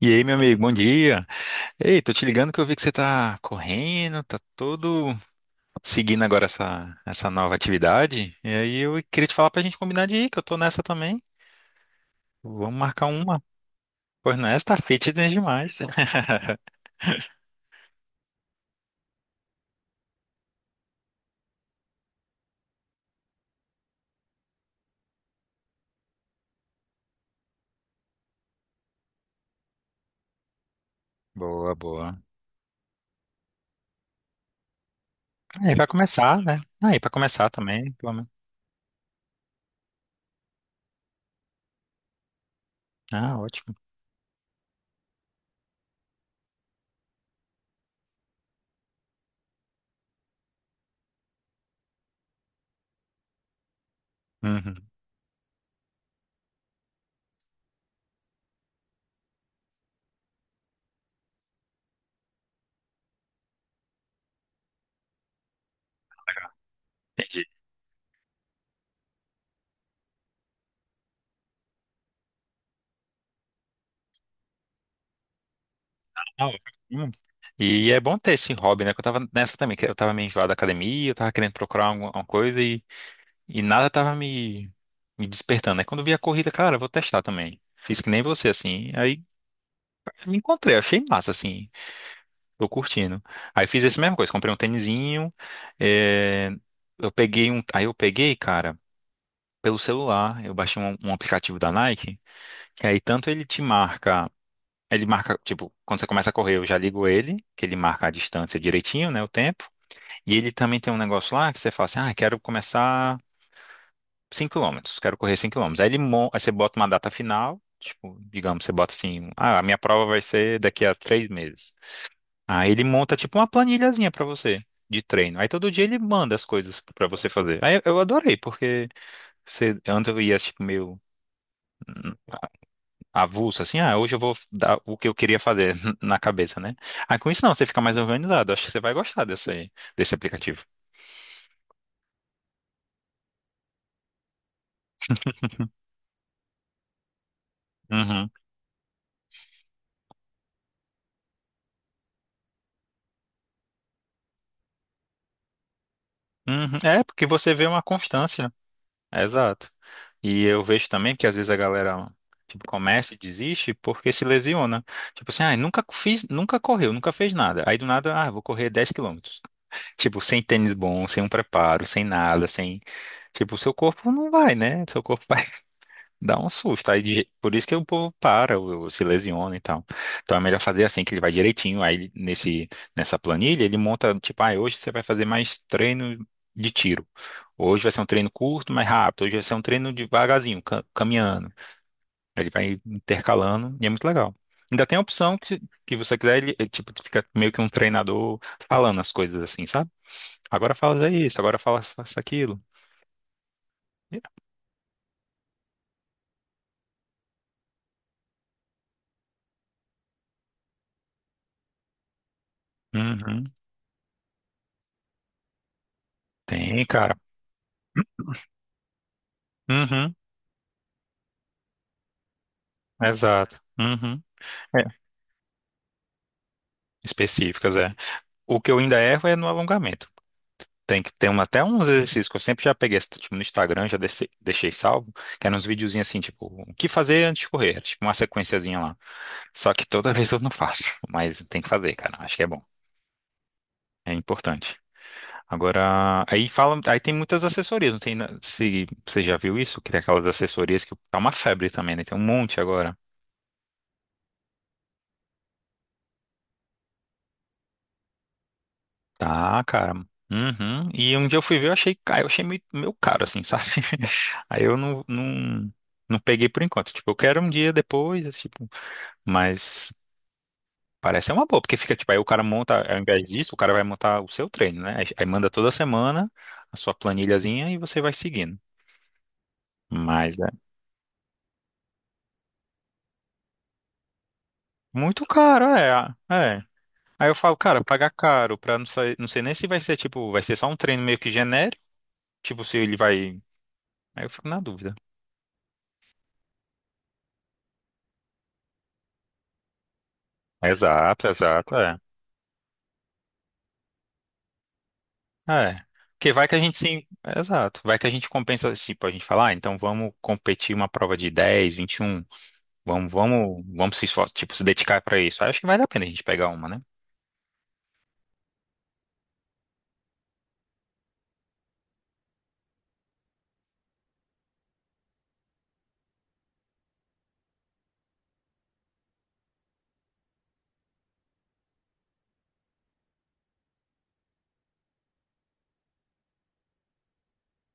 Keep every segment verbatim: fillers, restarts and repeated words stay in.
E aí, meu amigo, bom dia. Ei, tô te ligando que eu vi que você tá correndo, tá todo seguindo agora essa, essa nova atividade. E aí eu queria te falar pra gente combinar de ir, que eu tô nessa também. Vamos marcar uma. Pois não, essa tá fitness demais. Boa, boa. Aí vai começar, né? Aí pra começar também, pelo menos. Ah, ótimo. Uhum. Legal. Entendi. Ah, ótimo. E é bom ter esse hobby, né? Que eu tava nessa também, que eu tava meio enjoado da academia, eu tava querendo procurar alguma alguma coisa. E nada tava me, me despertando. Aí quando eu vi a corrida, cara, eu vou testar também. Fiz que nem você, assim. Aí me encontrei, achei massa, assim. Tô curtindo. Aí fiz essa mesma coisa, comprei um tênisinho. eh, Eu peguei um. Aí eu peguei, cara, pelo celular. Eu baixei um, um aplicativo da Nike, que aí tanto ele te marca. Ele marca, tipo, quando você começa a correr, eu já ligo ele, que ele marca a distância direitinho, né, o tempo. E ele também tem um negócio lá que você fala assim, ah, quero começar. cinco quilômetros, quero correr cinco quilômetros. Aí, ele, mon- aí você bota uma data final, tipo, digamos, você bota assim, ah, a minha prova vai ser daqui a três meses. Aí ele monta tipo uma planilhazinha pra você de treino. Aí todo dia ele manda as coisas pra você fazer. Aí eu adorei, porque você, antes eu ia tipo meio hum, avulso, assim, ah, hoje eu vou dar o que eu queria fazer na cabeça, né? Aí com isso não, você fica mais organizado. Acho que você vai gostar desse desse aplicativo. Uhum. Uhum. É, porque você vê uma constância. É, exato. E eu vejo também que às vezes a galera, tipo, começa e desiste porque se lesiona. Tipo assim, ah, nunca fiz, nunca correu, nunca fez nada. Aí do nada, ah, vou correr dez quilômetros. Tipo, sem tênis bom, sem um preparo, sem nada, sem tipo, o seu corpo não vai, né? Seu corpo vai. Dá um susto. Aí, de- por isso que o povo para, o- o- se lesiona e tal. Então é melhor fazer assim, que ele vai direitinho. Aí ele- nesse, nessa planilha, ele monta, tipo, ah, hoje você vai fazer mais treino de tiro. Hoje vai ser um treino curto, mais rápido. Hoje vai ser um treino devagarzinho, ca- caminhando. Aí ele vai intercalando e é muito legal. Ainda tem a opção que, se- que você quiser, ele, ele, tipo, fica meio que um treinador falando as coisas assim, sabe? Agora fala isso, agora fala isso, aquilo. Uhum. Tem, cara. Uhum. Exato. Uhum. É. Específicas, é. O que eu ainda erro é no alongamento. Tem que ter um, até uns exercícios que eu sempre já peguei, tipo, no Instagram, já deixei, deixei salvo, que eram uns videozinhos assim, tipo, o que fazer antes de correr? Era, tipo, uma sequenciazinha lá. Só que toda vez eu não faço, mas tem que fazer, cara. Acho que é bom. É importante. Agora, aí fala, aí tem muitas assessorias, não tem, na- se você já viu isso, que tem aquelas assessorias que tá uma febre também, né? Tem um monte agora. Tá, cara. Uhum. E um dia eu fui ver, eu achei, ca- eu achei meio, meio caro, assim, sabe? Aí eu não, não, não peguei por enquanto. Tipo, eu quero um dia depois, esse tipo, mas parece ser uma boa, porque fica, tipo, aí o cara monta, ao invés disso, o cara vai montar o seu treino, né? Aí, aí manda toda semana a sua planilhazinha e você vai seguindo. Mas é muito caro, é, é. Aí eu falo, cara, pagar caro pra não sair, não sei nem se vai ser, tipo, vai ser só um treino meio que genérico, tipo, se ele vai. Aí eu fico na dúvida. Exato, exato, é. Porque vai que a gente sim. Exato. Vai que a gente compensa, tipo, a gente falar ah, então vamos competir uma prova de dez vinte e um. Vamos, vamos, vamos se esforçar, tipo, se dedicar para isso. Aí acho que vale a pena a gente pegar uma, né?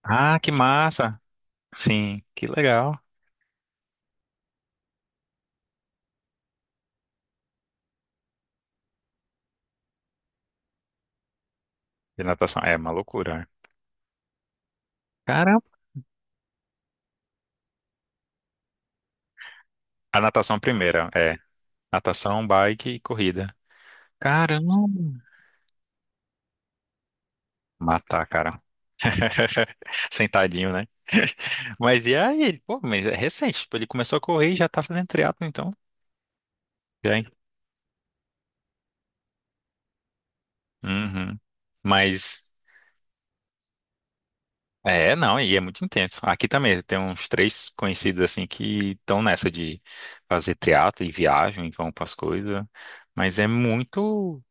Ah, que massa! Sim, que legal. E natação, é uma loucura, né? Caramba! A natação primeira, é. Natação, bike e corrida. Caramba! Matar, cara. Sentadinho, né? Mas e aí? Pô, mas é recente. Tipo, ele começou a correr e já tá fazendo triatlo, então. Já. Uhum. Mas é, não, e é muito intenso. Aqui também tem uns três conhecidos assim que estão nessa de fazer triatlo e viajam e vão para as coisas, mas é muito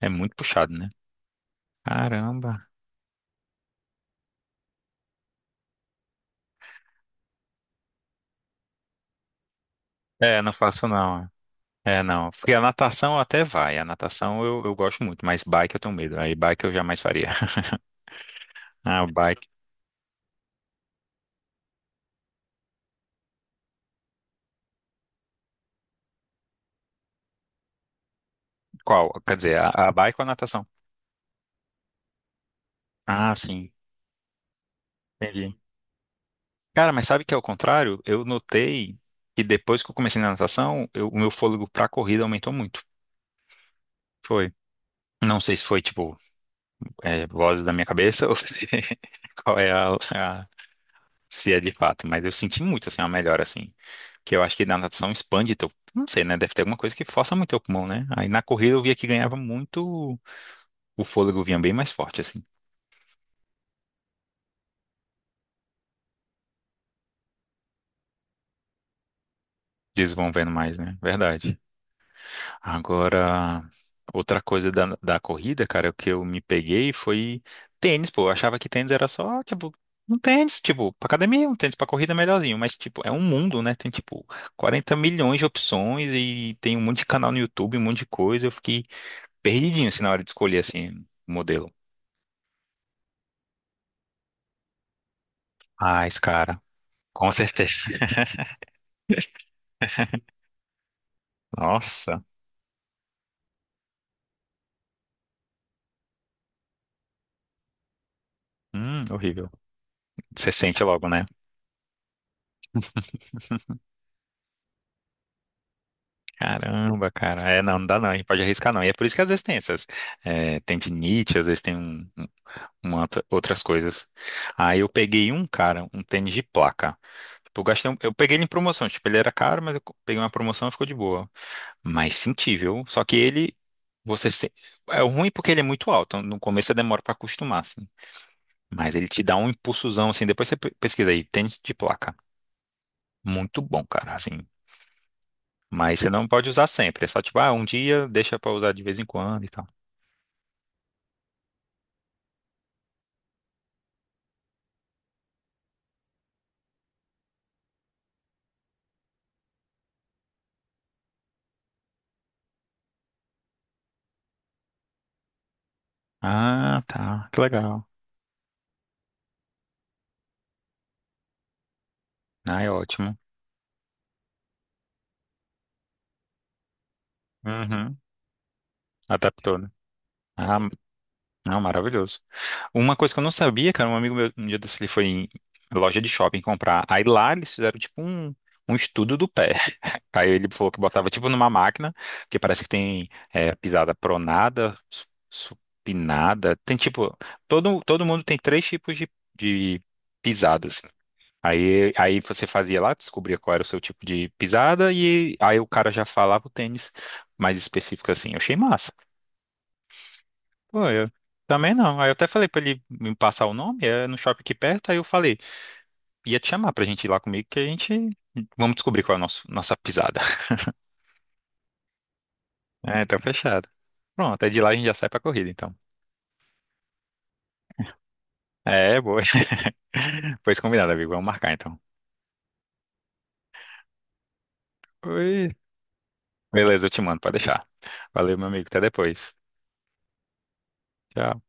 é muito puxado, né? Caramba. É, não faço não. É, é, não. Porque a natação até vai. A natação eu, eu gosto muito, mas bike eu tenho medo. Aí bike eu jamais faria. Ah, bike. Qual? Quer dizer, a, a bike ou a natação? Ah, sim. Entendi. Cara, mas sabe que é o contrário? Eu notei que depois que eu comecei na natação, eu- o meu fôlego pra corrida aumentou muito. Foi. Não sei se foi, tipo, é, vozes da minha cabeça ou se, qual é a, a- se é de fato, mas eu senti muito, assim, uma melhora, assim. Que eu acho que na natação expande teu, não sei, né? Deve ter alguma coisa que força muito teu pulmão, né? Aí na corrida eu via que ganhava muito, o fôlego vinha bem mais forte, assim. Desenvolvendo mais, né? Verdade. Agora, outra coisa da, da corrida, cara, o que eu me peguei foi tênis, pô. Eu achava que tênis era só, tipo, um tênis, tipo, pra academia, um tênis pra corrida é melhorzinho. Mas, tipo, é um mundo, né? Tem, tipo, quarenta milhões de opções e tem um monte de canal no YouTube, um monte de coisa. Eu fiquei perdidinho, assim, na hora de escolher, assim, o modelo. Mas, cara, com certeza. Nossa, hum, horrível. Você sente logo, né? Caramba, cara. É, não, não dá não. A gente pode arriscar não. E é por isso que às vezes tem essas. É, tem tendinite, às vezes tem um, um- uma outra- outras coisas. Aí eu peguei um, cara, um tênis de placa. Tipo, eu gastei um- eu peguei ele em promoção. Tipo, ele era caro, mas eu co- peguei uma promoção e ficou de boa. Mas senti, viu? Só que ele, você se... é o ruim porque ele é muito alto. No começo você demora pra acostumar, assim. Mas ele te dá um impulsozão, assim. Depois você pe- pesquisa aí, tênis de placa. Muito bom, cara, assim. Mas você não pode usar sempre. É só tipo, ah, um dia deixa pra usar de vez em quando e tal. Ah, tá. Que legal. Ah, é ótimo. Uhum. Adaptou, né? Ah, não, maravilhoso. Uma coisa que eu não sabia, cara, um amigo meu, um dia desse, ele foi em loja de shopping comprar. Aí lá eles fizeram tipo um, um estudo do pé. Aí ele falou que botava tipo numa máquina, que parece que tem é, pisada pronada, su- supinada. Tem tipo, todo, todo mundo tem três tipos de, de pisadas. Aí, aí você fazia lá, descobria qual era o seu tipo de pisada, e aí o cara já falava o tênis mais específico assim. Eu achei massa. Pô, eu também não. Aí eu até falei pra ele me passar o nome, é no shopping aqui perto, aí eu falei, ia te chamar pra gente ir lá comigo, que a gente vamos descobrir qual é a nossa, nossa pisada. É, então fechado. Pronto, é de lá a gente já sai pra corrida, então. É, boa. Pois combinado, amigo. Vamos marcar, então. Oi. Beleza, eu te mando, pode deixar. Valeu, meu amigo. Até depois. Tchau.